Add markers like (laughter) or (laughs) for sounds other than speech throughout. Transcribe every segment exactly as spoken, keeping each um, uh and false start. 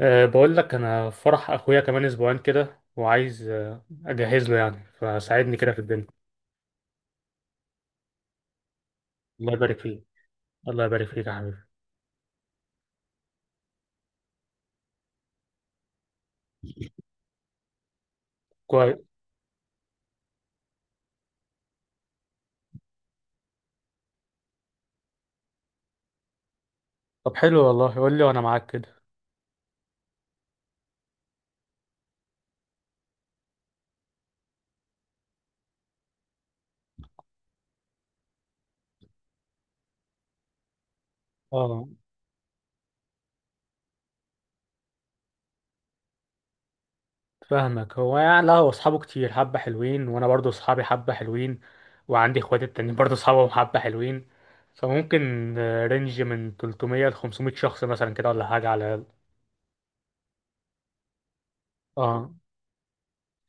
أه بقول لك انا فرح اخويا كمان اسبوعين كده وعايز آه، اجهز له يعني فساعدني كده في الدنيا. الله يبارك فيك. الله يبارك فيك يا حبيبي. كويس. طب حلو والله قول لي وانا معاك كده. اه، فاهمك. هو يعني لا، هو اصحابه كتير حبه حلوين، وانا برضو اصحابي حبه حلوين، وعندي اخواتي التانيين برضو اصحابهم حبه حلوين، فممكن آه، رينج من ثلاثمية ل خمسمية شخص مثلا كده ولا حاجه على الاقل. اه.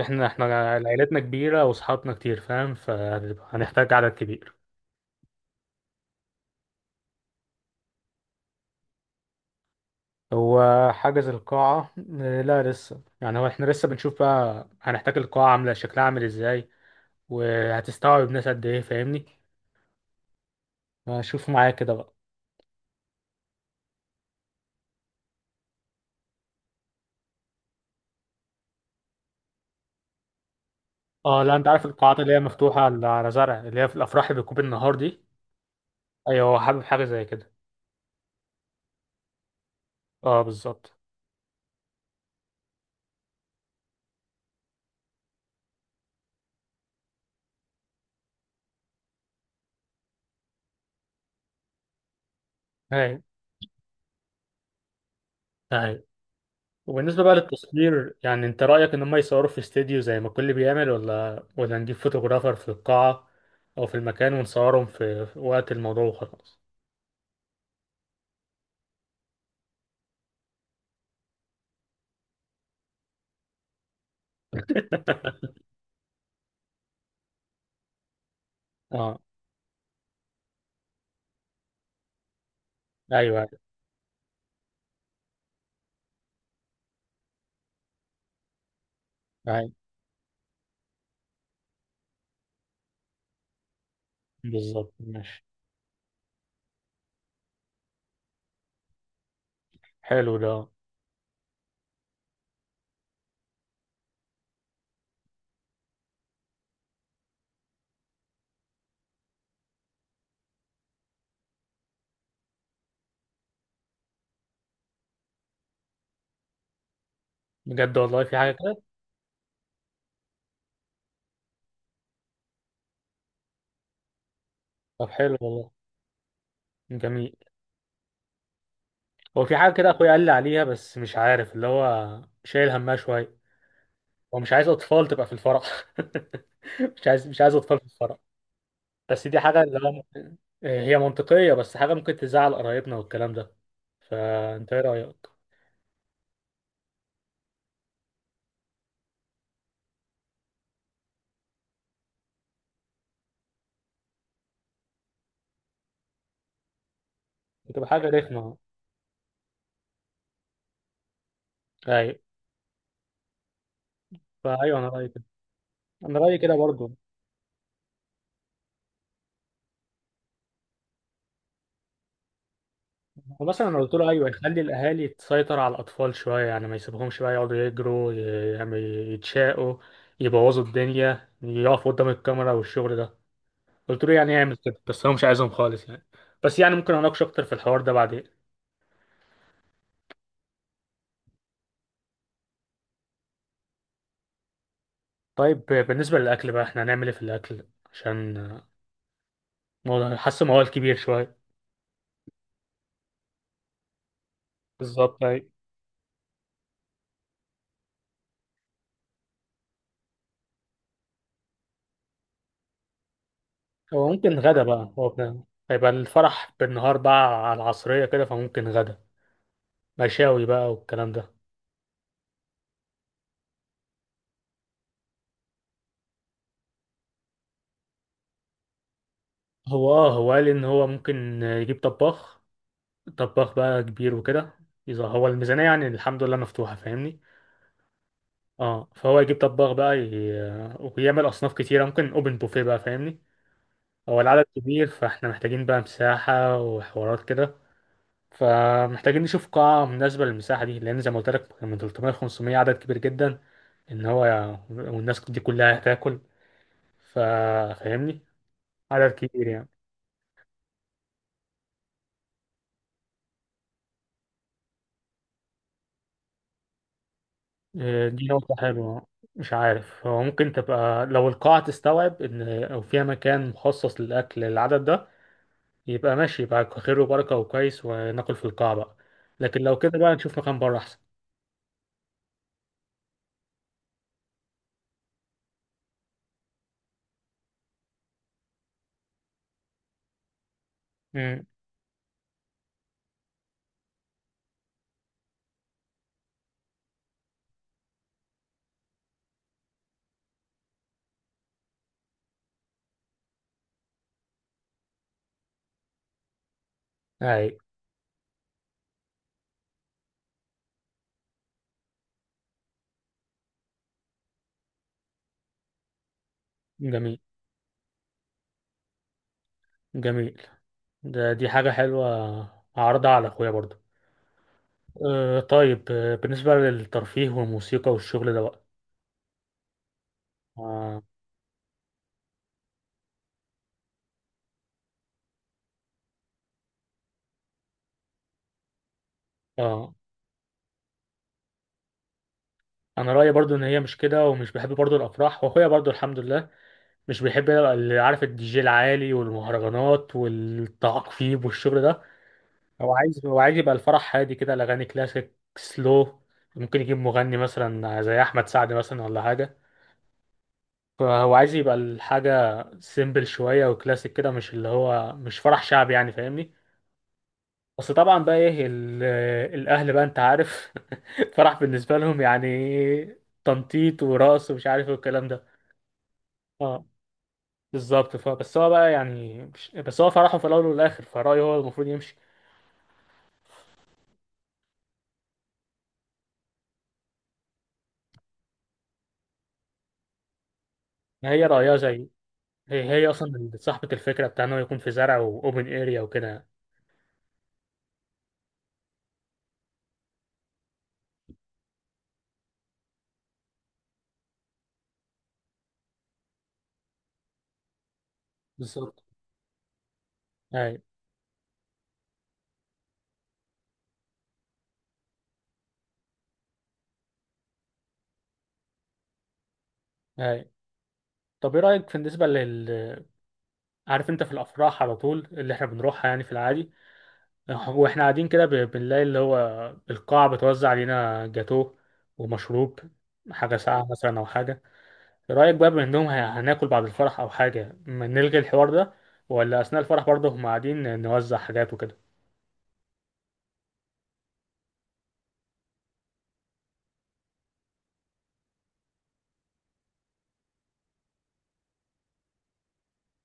احنا احنا عائلتنا كبيره واصحابنا كتير، فاهم؟ فهنحتاج عدد كبير. هو حجز القاعة آه، لا لسه، يعني هو احنا لسه بنشوف بقى هنحتاج القاعة عاملة شكلها عامل ازاي وهتستوعب ناس قد ايه، فاهمني؟ شوف معايا كده بقى. اه لا، انت عارف القاعات اللي هي مفتوحة على على زرع، اللي هي في الافراح اللي بتكون بالنهار دي. ايوه، هو حابب حاجة زي كده. اه بالظبط. ايوه ايوه. وبالنسبة بقى للتصوير، يعني انت رأيك ان هم يصوروا في استديو زي ما الكل بيعمل، ولا ولا نجيب فوتوغرافر في القاعة او في المكان ونصورهم في في وقت الموضوع وخلاص؟ (laughs) اه ايوه ايوه بالظبط ماشي. حلو ده بجد، والله في حاجة كده. طب حلو والله، جميل. هو في حاجة كده أخويا قال لي عليها، بس مش عارف، اللي هو شايل همها شوية. هو مش عايز أطفال تبقى في الفرح. (laughs) مش عايز مش عايز أطفال في الفرح. بس دي حاجة اللي هو ممكن- هي منطقية، بس حاجة ممكن تزعل قرايبنا والكلام ده. فأنت إيه رأيك؟ بتبقى حاجة رخمة. أيوة. فأيوه أنا رأيي كده. أنا رأيي كده برضه. ومثلا انا قلت له ايوه يخلي الاهالي تسيطر على الاطفال شويه، يعني ما يسيبهمش بقى يقعدوا يجروا ي- يعني يتشاقوا، يبوظوا الدنيا، يقفوا قدام الكاميرا والشغل ده. قلت له يعني يعمل كده، بس هو مش عايزهم خالص يعني. بس يعني ممكن اناقش اكتر في الحوار ده بعدين. طيب بالنسبه للاكل بقى، احنا هنعمل ايه في الاكل؟ عشان موضوع- حاسه موال كبير شويه. بالظبط ايوه. هو ممكن غدا بقى، هو بنا- هيبقى الفرح بالنهار بقى على العصريه كده، فممكن غدا مشاوي بقى والكلام ده. هو اه، هو قال ان هو ممكن يجيب طباخ. طباخ بقى كبير وكده. اذا هو الميزانية يعني الحمد لله مفتوحة، فاهمني. اه، فهو يجيب طباخ بقى ي... ويعمل اصناف كتيرة، ممكن اوبن بوفيه بقى، فاهمني. هو العدد كبير، فاحنا محتاجين بقى مساحة وحوارات كده. فمحتاجين نشوف قاعة مناسبة للمساحة دي، لأن زي ما قلت لك من ثلاث مية ل خمسمية عدد كبير جدا. إن هو والناس دي كلها هتاكل، فا- فاهمني؟ عدد كبير يعني. آه، دي نقطة حلوة. مش عارف، هو ممكن تبقى لو القاعة تستوعب إن أو فيها مكان مخصص للأكل للعدد ده، يبقى ماشي، يبقى خير وبركة وكويس وناكل في القاعة بقى. لكن لو كده بقى نشوف مكان بره أحسن. امم أي جميل جميل. ده دي حاجة حلوة، هعرضها على أخويا برضو. أه طيب، آه، بالنسبة للترفيه والموسيقى والشغل ده بقى. آه, آه أنا رأيي برضو إن هي مش كده، ومش بحب برضو الأفراح، وأخويا برضو الحمد لله مش بيحب، يبقى اللي عارف الدي جي العالي والمهرجانات والتعقيب والشغل ده. هو عايز هو عايز يبقى الفرح هادي كده، الأغاني كلاسيك سلو. ممكن يجيب مغني مثلا زي أحمد سعد مثلا ولا حاجة. فهو عايز يبقى الحاجة سيمبل شوية وكلاسيك كده، مش اللي هو مش فرح شعبي يعني فاهمني. بس طبعا بقى ايه ال- الأهل بقى أنت عارف. (laughs) فرح بالنسبة لهم يعني إيه، تنطيط ورقص ومش عارف إيه والكلام ده. آه. بالظبط. فبس هو بقى يعني مش... بس هو فرحه في الاول والاخر، فرأيه هو المفروض يمشي. ما هي رأيها زي. هي هي اصلا اللي صاحبة الفكرة بتاع انه يكون في زرع واوبن اريا وكده. بالظبط. هاي هاي. طب ايه رأيك في بالنسبة لل. عارف انت في الافراح على طول اللي احنا بنروحها يعني في العادي، واحنا قاعدين كده ب- بنلاقي اللي هو القاعة بتوزع علينا جاتوه ومشروب، حاجة ساقعة مثلا او حاجة. رأيك بقى بما انهم ه- هناكل بعد الفرح او حاجة، ما نلغي الحوار ده، ولا اثناء الفرح برضه هم قاعدين نوزع حاجات وكده؟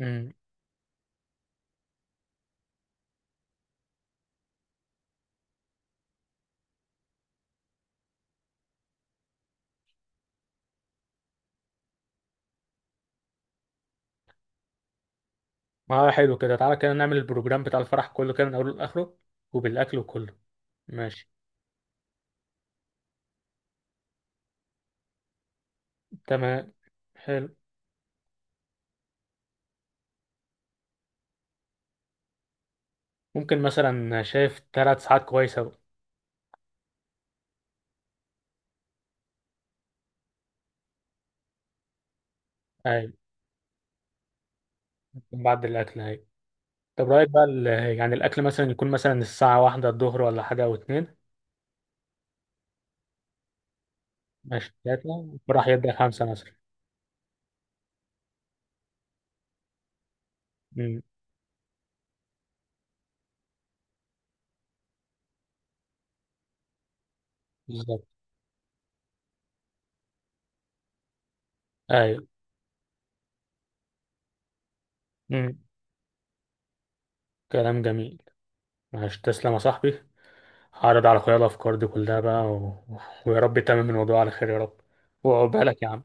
امم. اه حلو كده، تعالى كده نعمل البروجرام بتاع الفرح كله كده من اوله لاخره، وبالاكل وكله. ماشي تمام. حلو. ممكن مثلا، شايف ثلاث ساعات كويسة بقى. اي، بعد الاكل اي. طب رأيك بقى ال- يعني الاكل مثلا يكون مثلا الساعة واحدة الظهر ولا حاجة، او اتنين. ماشي، ثلاثة الفرح يبدأ خمسة مثلا. امم بالظبط ايوه امم. كلام جميل. معلش تسلم يا صاحبي. هعرض على اخويا الافكار دي كلها بقى و... ويا رب يتمم الموضوع على خير يا رب، وعقبالك يا عم.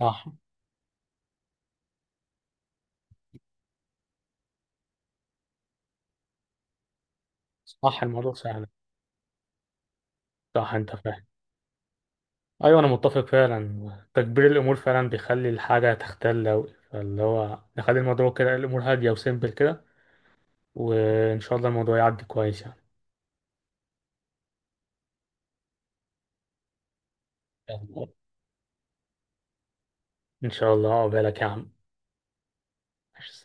صح. صح، الموضوع سهل. صح انت فاهم. ايوه انا متفق، فعلا تكبير الامور فعلا بيخلي الحاجه تختل اوي، فاللي هو نخلي الموضوع كده الامور هاديه وسيمبل كده. وان شاء الله الموضوع يعدي كويس يعني. ان شاء الله عقبالك يا عم. ماشي.